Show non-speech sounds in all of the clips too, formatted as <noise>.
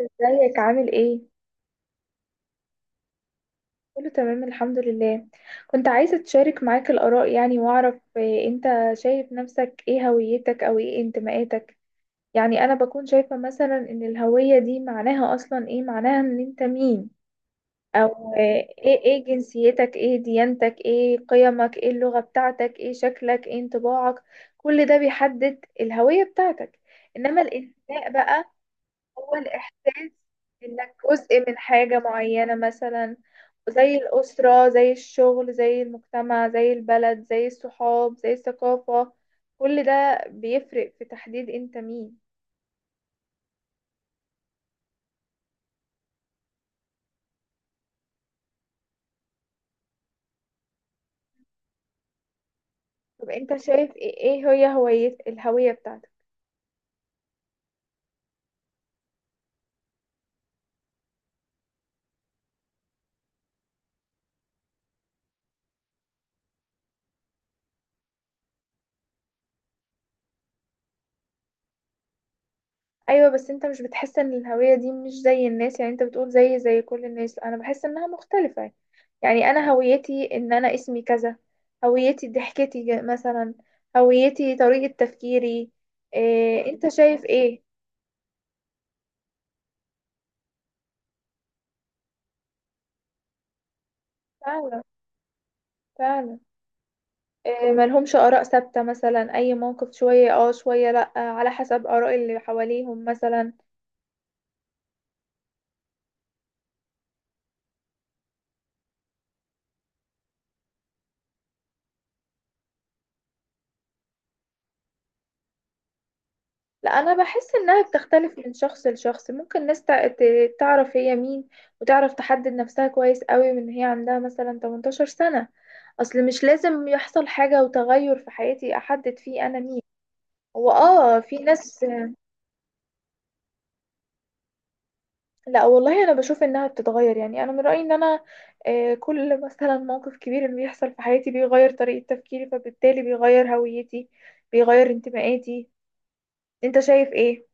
ازيك عامل ايه؟ كله تمام الحمد لله. كنت عايزة تشارك معاك الآراء، يعني واعرف إيه انت شايف نفسك، ايه هويتك او ايه انتماءاتك. يعني انا بكون شايفة مثلا ان الهوية دي معناها اصلا ايه، معناها ان انت مين، او ايه جنسيتك، ايه ديانتك، ايه قيمك، ايه اللغة بتاعتك، ايه شكلك، ايه انطباعك. كل ده بيحدد الهوية بتاعتك. انما الانتماء بقى هو الاحساس انك جزء من حاجة معينة، مثلا زي الأسرة، زي الشغل، زي المجتمع، زي البلد، زي الصحاب، زي الثقافة. كل ده بيفرق في تحديد انت مين. طب انت شايف ايه، إيه هي هوية الهوية بتاعتك؟ ايوه، بس انت مش بتحس ان الهوية دي مش زي الناس؟ يعني انت بتقول زي كل الناس. لا، انا بحس انها مختلفة. يعني انا هويتي ان انا اسمي كذا، هويتي ضحكتي مثلا، هويتي طريقة تفكيري. إيه انت شايف ايه؟ فعلا، فعلا. ملهمش آراء ثابتة، مثلا أي موقف شوية شوية لأ، على حسب آراء اللي حواليهم مثلا. لأ، أنا بحس إنها بتختلف من شخص لشخص. ممكن ناس تعرف هي مين، وتعرف تحدد نفسها كويس قوي، من هي، عندها مثلا 18 سنة. أصل مش لازم يحصل حاجة وتغير في حياتي أحدد فيه أنا مين. هو في ناس. لا والله، انا بشوف انها بتتغير. يعني انا من رايي ان انا، كل <laughs> مثلا موقف كبير انه بيحصل في حياتي بيغير طريقه تفكيري، فبالتالي بيغير هويتي، بيغير انتمائاتي. انت شايف ايه؟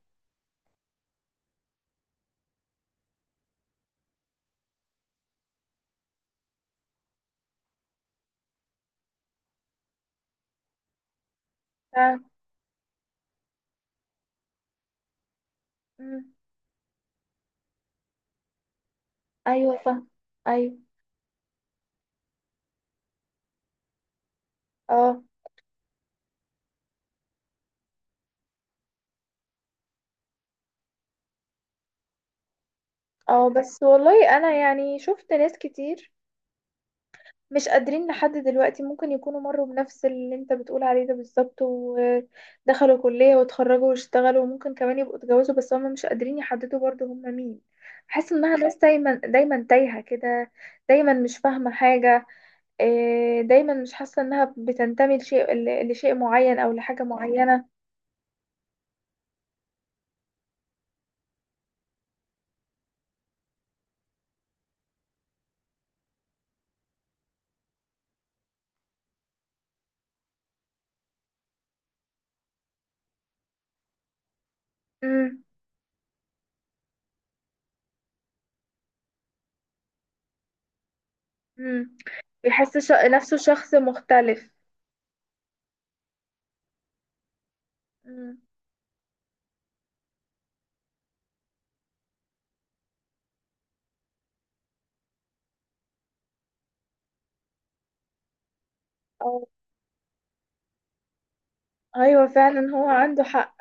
ف... مم. ايوه فاهم. ايوه. اه. اه بس والله انا يعني شفت ناس كتير مش قادرين لحد دلوقتي، ممكن يكونوا مروا بنفس اللي انت بتقول عليه ده بالظبط، ودخلوا كلية واتخرجوا واشتغلوا، وممكن كمان يبقوا اتجوزوا، بس هم مش قادرين يحددوا برضو هم مين. بحس انها ناس دايما دايما تايهة كده، دايما مش فاهمة حاجة. إيه، دايما مش حاسة انها بتنتمي لشيء، لشيء معين او لحاجة معينة. امم. امم. بيحس نفسه شخص مختلف. امم. أو- ايوه فعلا، هو عنده حق.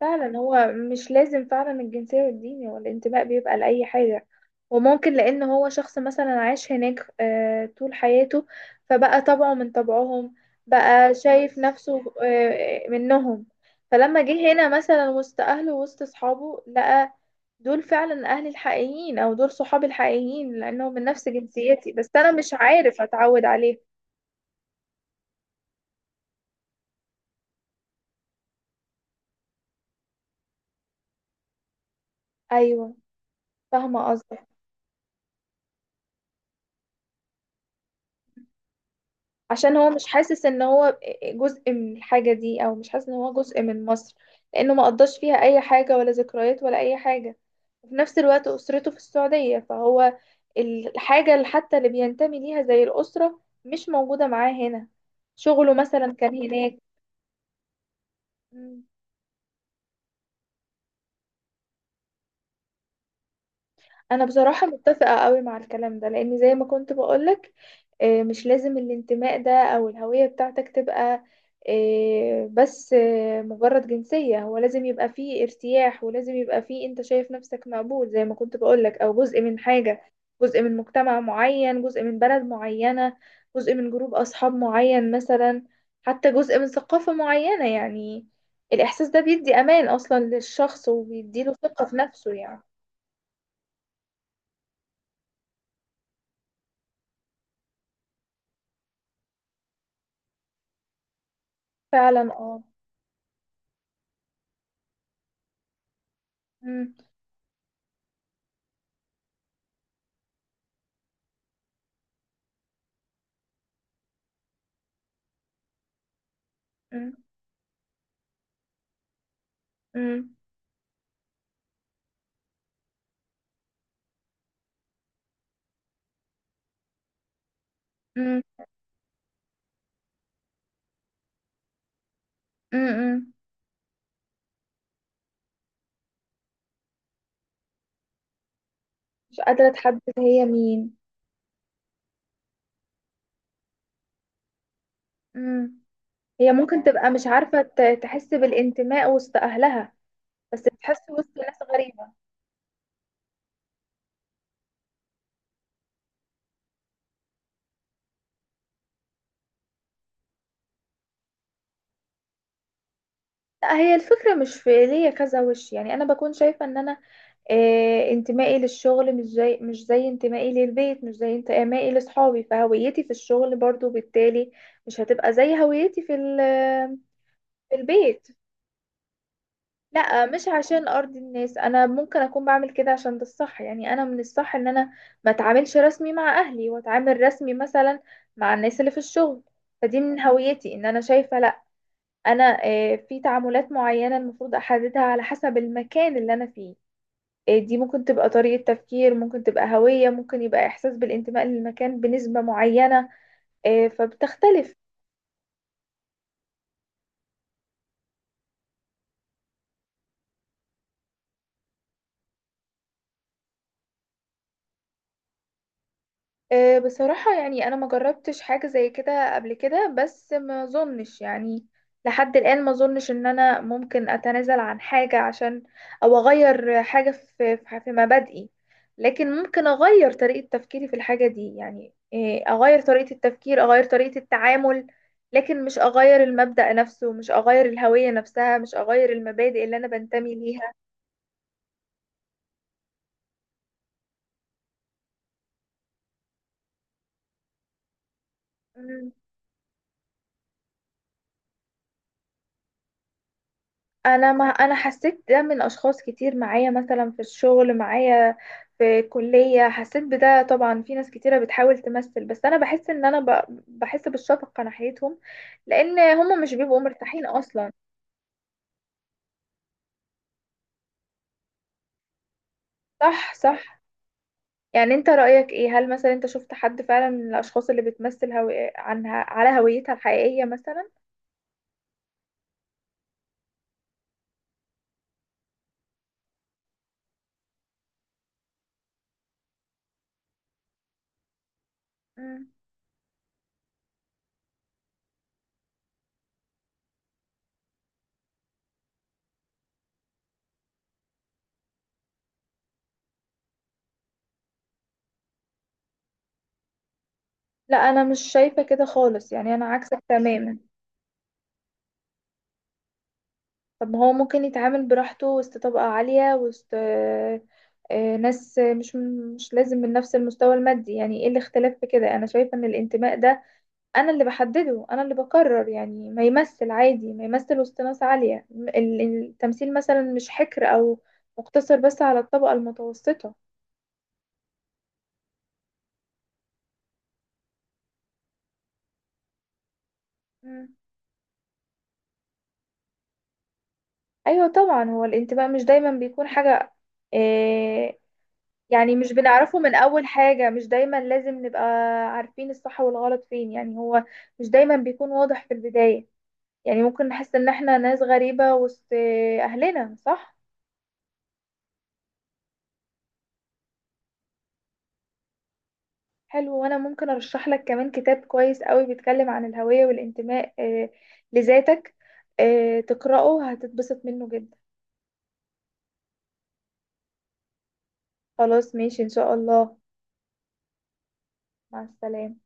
فعلا، هو مش لازم فعلا الجنسية والدين، هو الانتماء بيبقى لأي حاجة. وممكن لأن هو شخص مثلا عاش هناك طول حياته، فبقى طبعه من طبعهم، بقى شايف نفسه منهم. فلما جه هنا مثلا وسط أهله وسط أصحابه، لقى دول فعلا أهلي الحقيقيين، أو دول صحابي الحقيقيين، لأنهم من نفس جنسيتي، بس أنا مش عارف أتعود عليه. أيوه، فاهمة قصدك. عشان هو مش حاسس ان هو جزء من الحاجة دي، او مش حاسس ان هو جزء من مصر، لانه ما قضاش فيها اي حاجة ولا ذكريات ولا اي حاجة. وفي نفس الوقت اسرته في السعودية، فهو الحاجة اللي حتى اللي بينتمي ليها زي الاسرة مش موجودة معاه هنا. شغله مثلا كان هناك. انا بصراحة متفقة قوي مع الكلام ده، لان زي ما كنت بقولك، مش لازم الانتماء ده او الهوية بتاعتك تبقى آه، بس آه، مجرد جنسية. هو لازم يبقى فيه ارتياح، ولازم يبقى فيه انت شايف نفسك مقبول زي ما كنت بقولك، او جزء من حاجة، جزء من مجتمع معين، جزء من بلد معينة، جزء من جروب اصحاب معين مثلا، حتى جزء من ثقافة معينة. يعني الاحساس ده بيدي امان اصلا للشخص، وبيديله ثقة في نفسه يعني. فعلا اه. مم. مم. مم. مم. مم. مش قادرة أتحدد هي مين. مم. هي ممكن تبقى مش عارفة تحس بالانتماء وسط أهلها، بس بتحس وسط ناس غريبة. لا، هي الفكرة مش في ليا كذا وش. يعني أنا بكون شايفة إن أنا، انتمائي للشغل مش زي انتمائي للبيت، مش زي انتمائي لأصحابي، فهويتي في الشغل برضو بالتالي مش هتبقى زي هويتي في في البيت. لا مش عشان ارضي الناس، انا ممكن اكون بعمل كده عشان ده الصح. يعني انا من الصح ان انا ما اتعاملش رسمي مع اهلي، واتعامل رسمي مثلا مع الناس اللي في الشغل. فدي من هويتي ان انا شايفة لا، انا في تعاملات معينة المفروض احددها على حسب المكان اللي انا فيه. دي ممكن تبقى طريقة تفكير، ممكن تبقى هوية، ممكن يبقى احساس بالانتماء للمكان بنسبة معينة، فبتختلف. أه، بصراحة يعني أنا ما جربتش حاجة زي كده قبل كده، بس ما أظنش يعني لحد الآن، ما أظنش إن أنا ممكن أتنازل عن حاجة عشان، أو أغير حاجة في مبادئي. لكن ممكن أغير طريقة تفكيري في الحاجة دي، يعني إيه، أغير طريقة التفكير، أغير طريقة التعامل، لكن مش أغير المبدأ نفسه، مش أغير الهوية نفسها، مش أغير المبادئ اللي أنا بنتمي ليها. انا ما انا حسيت ده من اشخاص كتير معايا، مثلا في الشغل معايا، في الكلية حسيت بده. طبعا في ناس كتيرة بتحاول تمثل، بس انا بحس ان انا بحس بالشفقة ناحيتهم، لان هم مش بيبقوا مرتاحين اصلا. صح، صح. يعني انت رأيك ايه، هل مثلا انت شفت حد فعلا من الاشخاص اللي بتمثل عنها على هويتها الحقيقية مثلا؟ مم. لا انا مش شايفة كده خالص، يعني انا عكسك تماما. طب ما هو ممكن يتعامل براحته وسط طبقة عالية، وسط ناس مش، مش لازم من نفس المستوى المادي. يعني ايه الاختلاف في كده؟ انا شايفة ان الانتماء ده انا اللي بحدده، انا اللي بقرر. يعني ما يمثل عادي، ما يمثل وسط ناس عالية، التمثيل مثلا مش حكر او مقتصر بس على الطبقة المتوسطة. مم. ايوه طبعا، هو الانتماء مش دايما بيكون حاجة، آه، يعني مش بنعرفه من أول حاجة، مش دايما لازم نبقى عارفين الصح والغلط فين. يعني هو مش دايما بيكون واضح في البداية، يعني ممكن نحس إن احنا ناس غريبة وسط أهلنا، صح؟ حلو، وأنا ممكن أرشح لك كمان كتاب كويس قوي بيتكلم عن الهوية والانتماء، لذاتك، تقرأه هتتبسط منه جدا. خلاص ماشي إن شاء الله. مع السلامة.